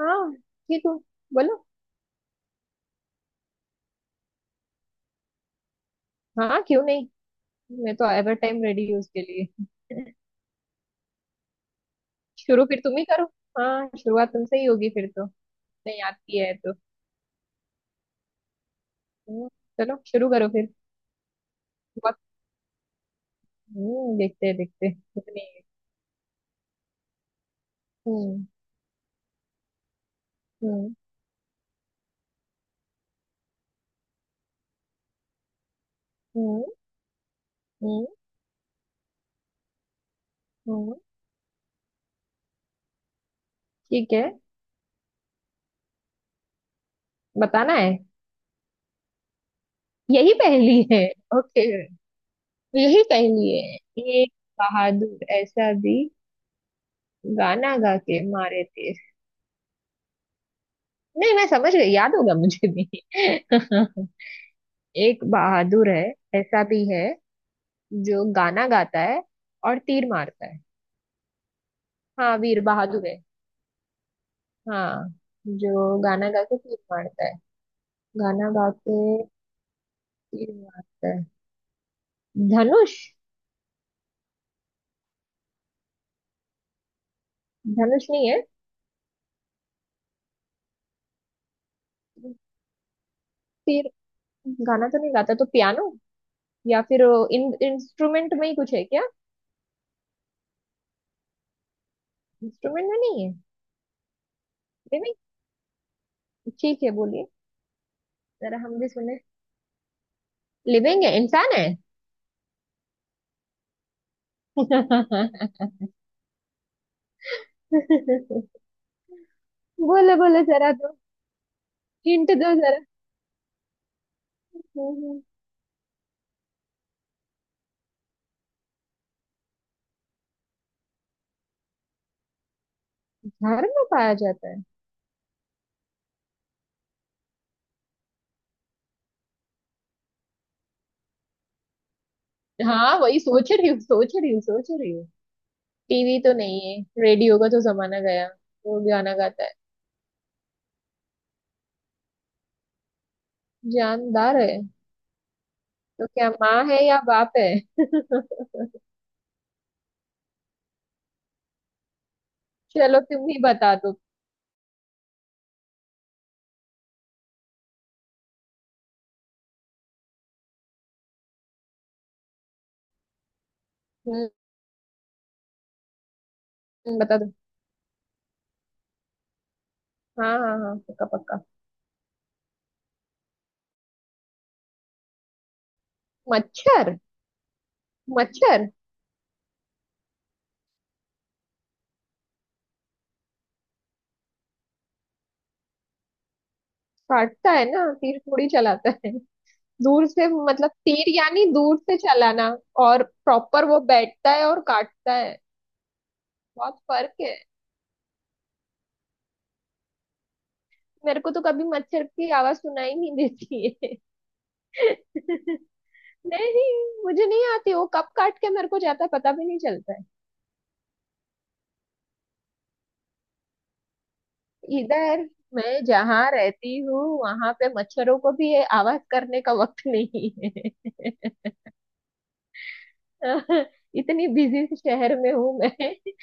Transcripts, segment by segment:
हाँ ठीक हो बोलो। हाँ क्यों नहीं। मैं तो एवर टाइम रेडी हूँ उसके लिए। शुरू फिर तुम ही करो। हाँ शुरुआत तुमसे ही होगी फिर तो। नहीं आती है तो। हम्म, चलो शुरू करो फिर। बहुत। देखते हैं कितनी। हम्म। हम्म। हम्म। हम्म। हम्म, ठीक है। बताना है। यही पहेली है। ओके। यही पहेली है। एक बहादुर ऐसा भी। गाना गा के मारे थे। नहीं मैं समझ गई याद होगा मुझे भी। एक बहादुर है ऐसा भी है। जो गाना गाता है और तीर मारता है। हाँ वीर बहादुर है। हाँ। जो गाना गा के तीर मारता है। गाना गा के तीर मारता है। धनुष। धनुष नहीं है। तीर। गाना तो नहीं गाता तो पियानो या फिर। इन इंस्ट्रूमेंट में ही कुछ है क्या? इंस्ट्रूमेंट में नहीं है। लिविंग ठीक है बोलिए। जरा हम भी सुने। लिविंग है इंसान है। बोलो बोलो जरा दो। हिंट दो जरा। हम्म, हम्म। घर में पाया जाता है। हाँ वही सोच रही हूँ सोच रही हूँ सोच रही हूँ। टीवी तो नहीं है रेडियो का तो जमाना गया। वो गाना गाता है। जानदार है। तो क्या माँ है या बाप है। चलो तुम ही बता दो। हम्म। बता दो। हाँ हाँ हाँ पक्का पक्का। मच्छर। मच्छर। काटता है ना तीर थोड़ी चलाता है। दूर से मतलब तीर यानी दूर से चलाना। और प्रॉपर वो बैठता है और काटता है। बहुत फर्क है। मेरे को तो कभी मच्छर की आवाज सुनाई नहीं देती है। नहीं। मुझे नहीं आती वो कब काट के मेरे को जाता है पता भी नहीं चलता है। इधर। मैं जहाँ रहती हूँ वहां पे मच्छरों को भी ये आवाज करने का वक्त नहीं है। इतनी बिजी शहर में हूँ मैं। कि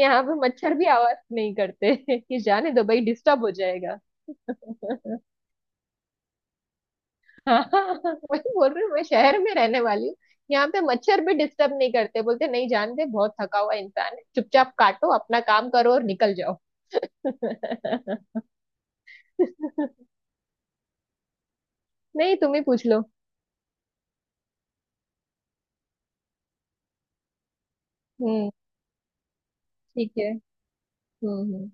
यहाँ पे मच्छर भी आवाज नहीं करते। कि जाने दो भाई डिस्टर्ब हो जाएगा। हाँ। वही बोल रही हूँ मैं शहर में रहने वाली हूँ। यहाँ पे मच्छर भी डिस्टर्ब नहीं करते बोलते नहीं जानते बहुत थका हुआ इंसान है चुपचाप काटो अपना काम करो और निकल जाओ। नहीं तुम ही पूछ लो। हम्म ठीक है। हम्म। हम्म।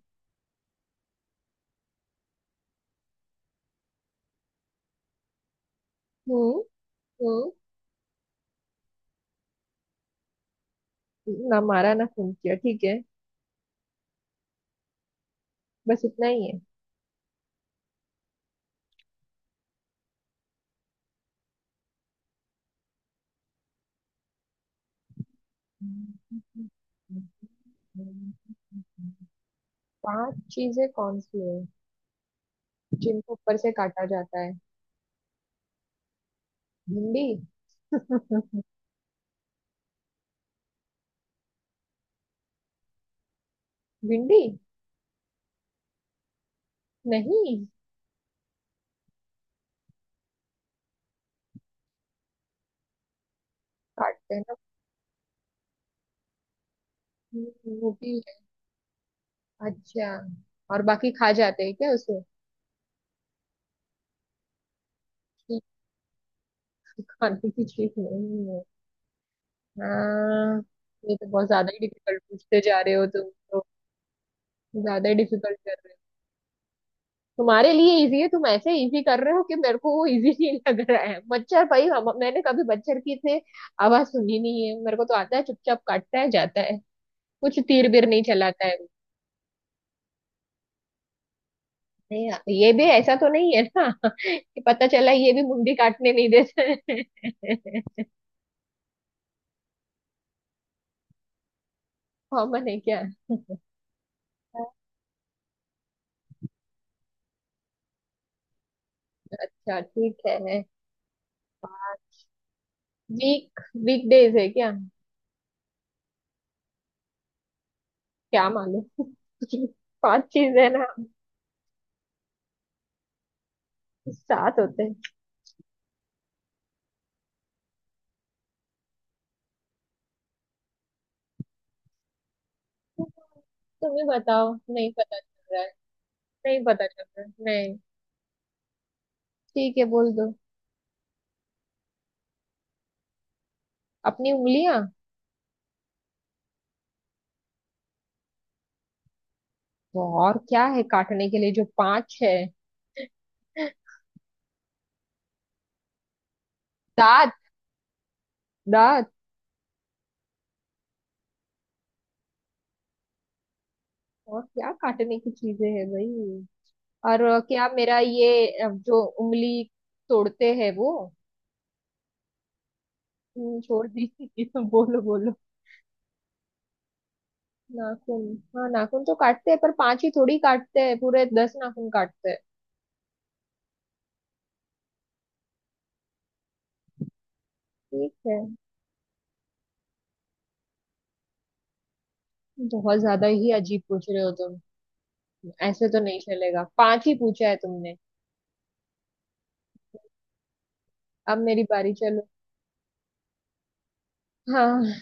हम्म। ना मारा ना खून किया ठीक है। बस इतना ही है। पांच चीजें कौन सी है जिनको ऊपर से काटा जाता है? भिंडी। भिंडी नहीं। काटते हैं ना। मूली। अच्छा। और बाकी खा जाते हैं क्या उसे? ठीक। खाने की चीज नहीं है। हाँ। ये तो बहुत ज्यादा ही डिफिकल्ट पूछते जा रहे हो तुम तो। ज्यादा ही डिफिकल्ट कर रहे हो। तुम्हारे लिए इजी है तुम ऐसे इजी कर रहे हो कि मेरे को वो इजी नहीं लग रहा है मच्छर भाई हम मैंने कभी मच्छर की से आवाज सुनी नहीं है। मेरे को तो आता है चुपचाप काटता है जाता है। कुछ तीर बीर नहीं चलाता है। नहीं। ये भी ऐसा तो नहीं है ना। कि पता चला ये भी मुंडी काटने नहीं देता है। कॉमन है क्या? अच्छा ठीक है। वीक वीक डेज है क्या? क्या मालूम। पांच चीज है ना। सात होते हैं। तुम्हें बताओ नहीं पता चल रहा है। नहीं पता चल रहा है नहीं। ठीक है बोल दो। अपनी उंगलियां। तो और क्या है काटने के लिए जो पांच है? दांत। दांत। और क्या काटने की चीजें है भाई? और। क्या मेरा ये जो उंगली तोड़ते हैं वो। छोड़ दी। बोलो बोलो। नाखून। हाँ नाखून तो काटते हैं पर पांच ही थोड़ी काटते हैं पूरे दस नाखून काटते हैं। ठीक है। बहुत ज्यादा ही अजीब पूछ रहे हो तुम। ऐसे तो नहीं चलेगा पांच ही पूछा है तुमने। अब मेरी बारी चलो। हाँ।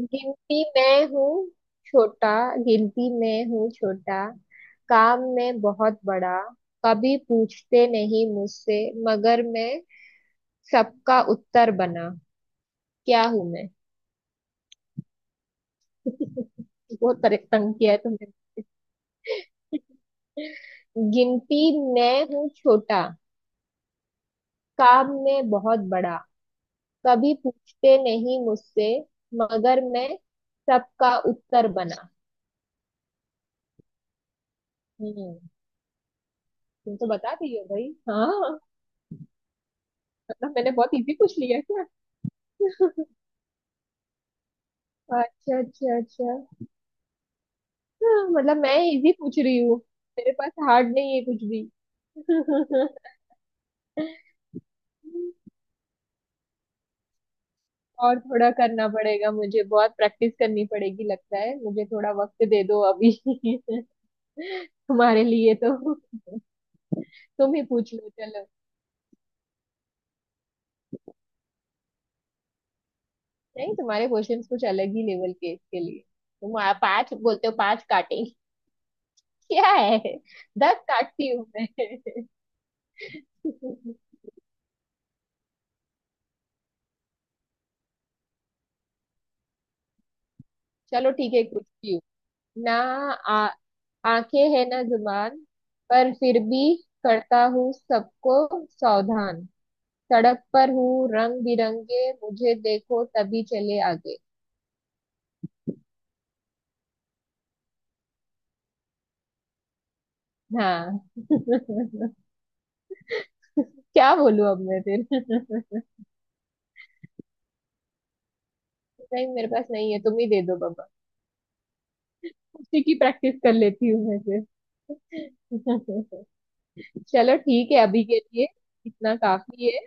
गिनती में हूँ छोटा गिनती में हूँ छोटा काम में बहुत बड़ा कभी पूछते नहीं मुझसे मगर मैं सबका उत्तर बना क्या हूं मैं। बहुत तंग किया है तुमने। गिनती मैं हूँ छोटा काम में बहुत बड़ा कभी पूछते नहीं मुझसे मगर मैं सबका उत्तर बना। हम्म। तुम तो बता दिए भाई। हाँ। मतलब मैंने बहुत इजी पूछ लिया क्या? अच्छा अच्छा अच्छा। हाँ, मतलब मैं इजी पूछ रही हूँ। मेरे पास हार्ड नहीं है कुछ भी। और थोड़ा करना पड़ेगा मुझे बहुत प्रैक्टिस करनी पड़ेगी लगता है मुझे थोड़ा वक्त दे दो अभी। तुम्हारे लिए तो तुम ही पूछ लो चलो। नहीं तुम्हारे क्वेश्चंस कुछ अलग ही लेवल के इसके लिए। तुम पांच बोलते हो पांच काटेंगे। क्या है? दस काटती हूँ मैं। चलो ठीक है पूछती हूँ। ना। आ, आंखें है ना जुबान पर फिर भी करता हूँ सबको सावधान। सड़क पर हूँ रंग बिरंगे मुझे देखो तभी चले आगे। हाँ। क्या बोलूं अब मैं फिर। नहीं मेरे पास नहीं है तुम ही दे दो बाबा। उसी की प्रैक्टिस कर लेती हूँ मैं फिर। चलो ठीक है अभी के लिए इतना काफी है।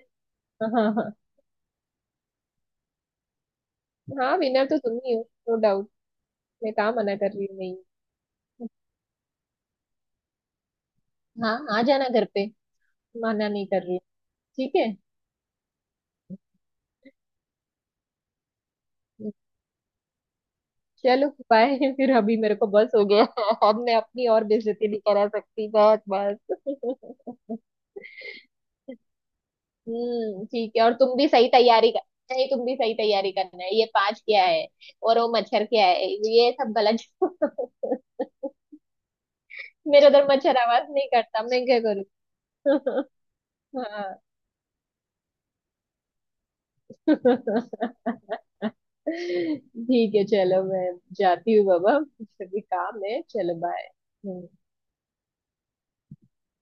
हाँ हाँ। हाँ। विनर तो तुम ही हो। No doubt. मैं कहाँ मना कर रही हूँ? नहीं हाँ आ जाना घर पे। मना नहीं कर रही हूँ। ठीक है। चलो बाय। फिर अभी मेरे को बस हो गया। अब मैं अपनी और बेइज्जती नहीं करा सकती बहुत बस। ठीक है और तुम भी सही तैयारी कर। नहीं तुम भी सही तैयारी करना है ये पांच क्या है और वो मच्छर क्या है ये सब गलत। मेरा उधर मच्छर आवाज नहीं करता मैं क्या करूँ। हाँ। ठीक है चलो मैं जाती हूँ बाबा मुझे भी काम है चलो बाय।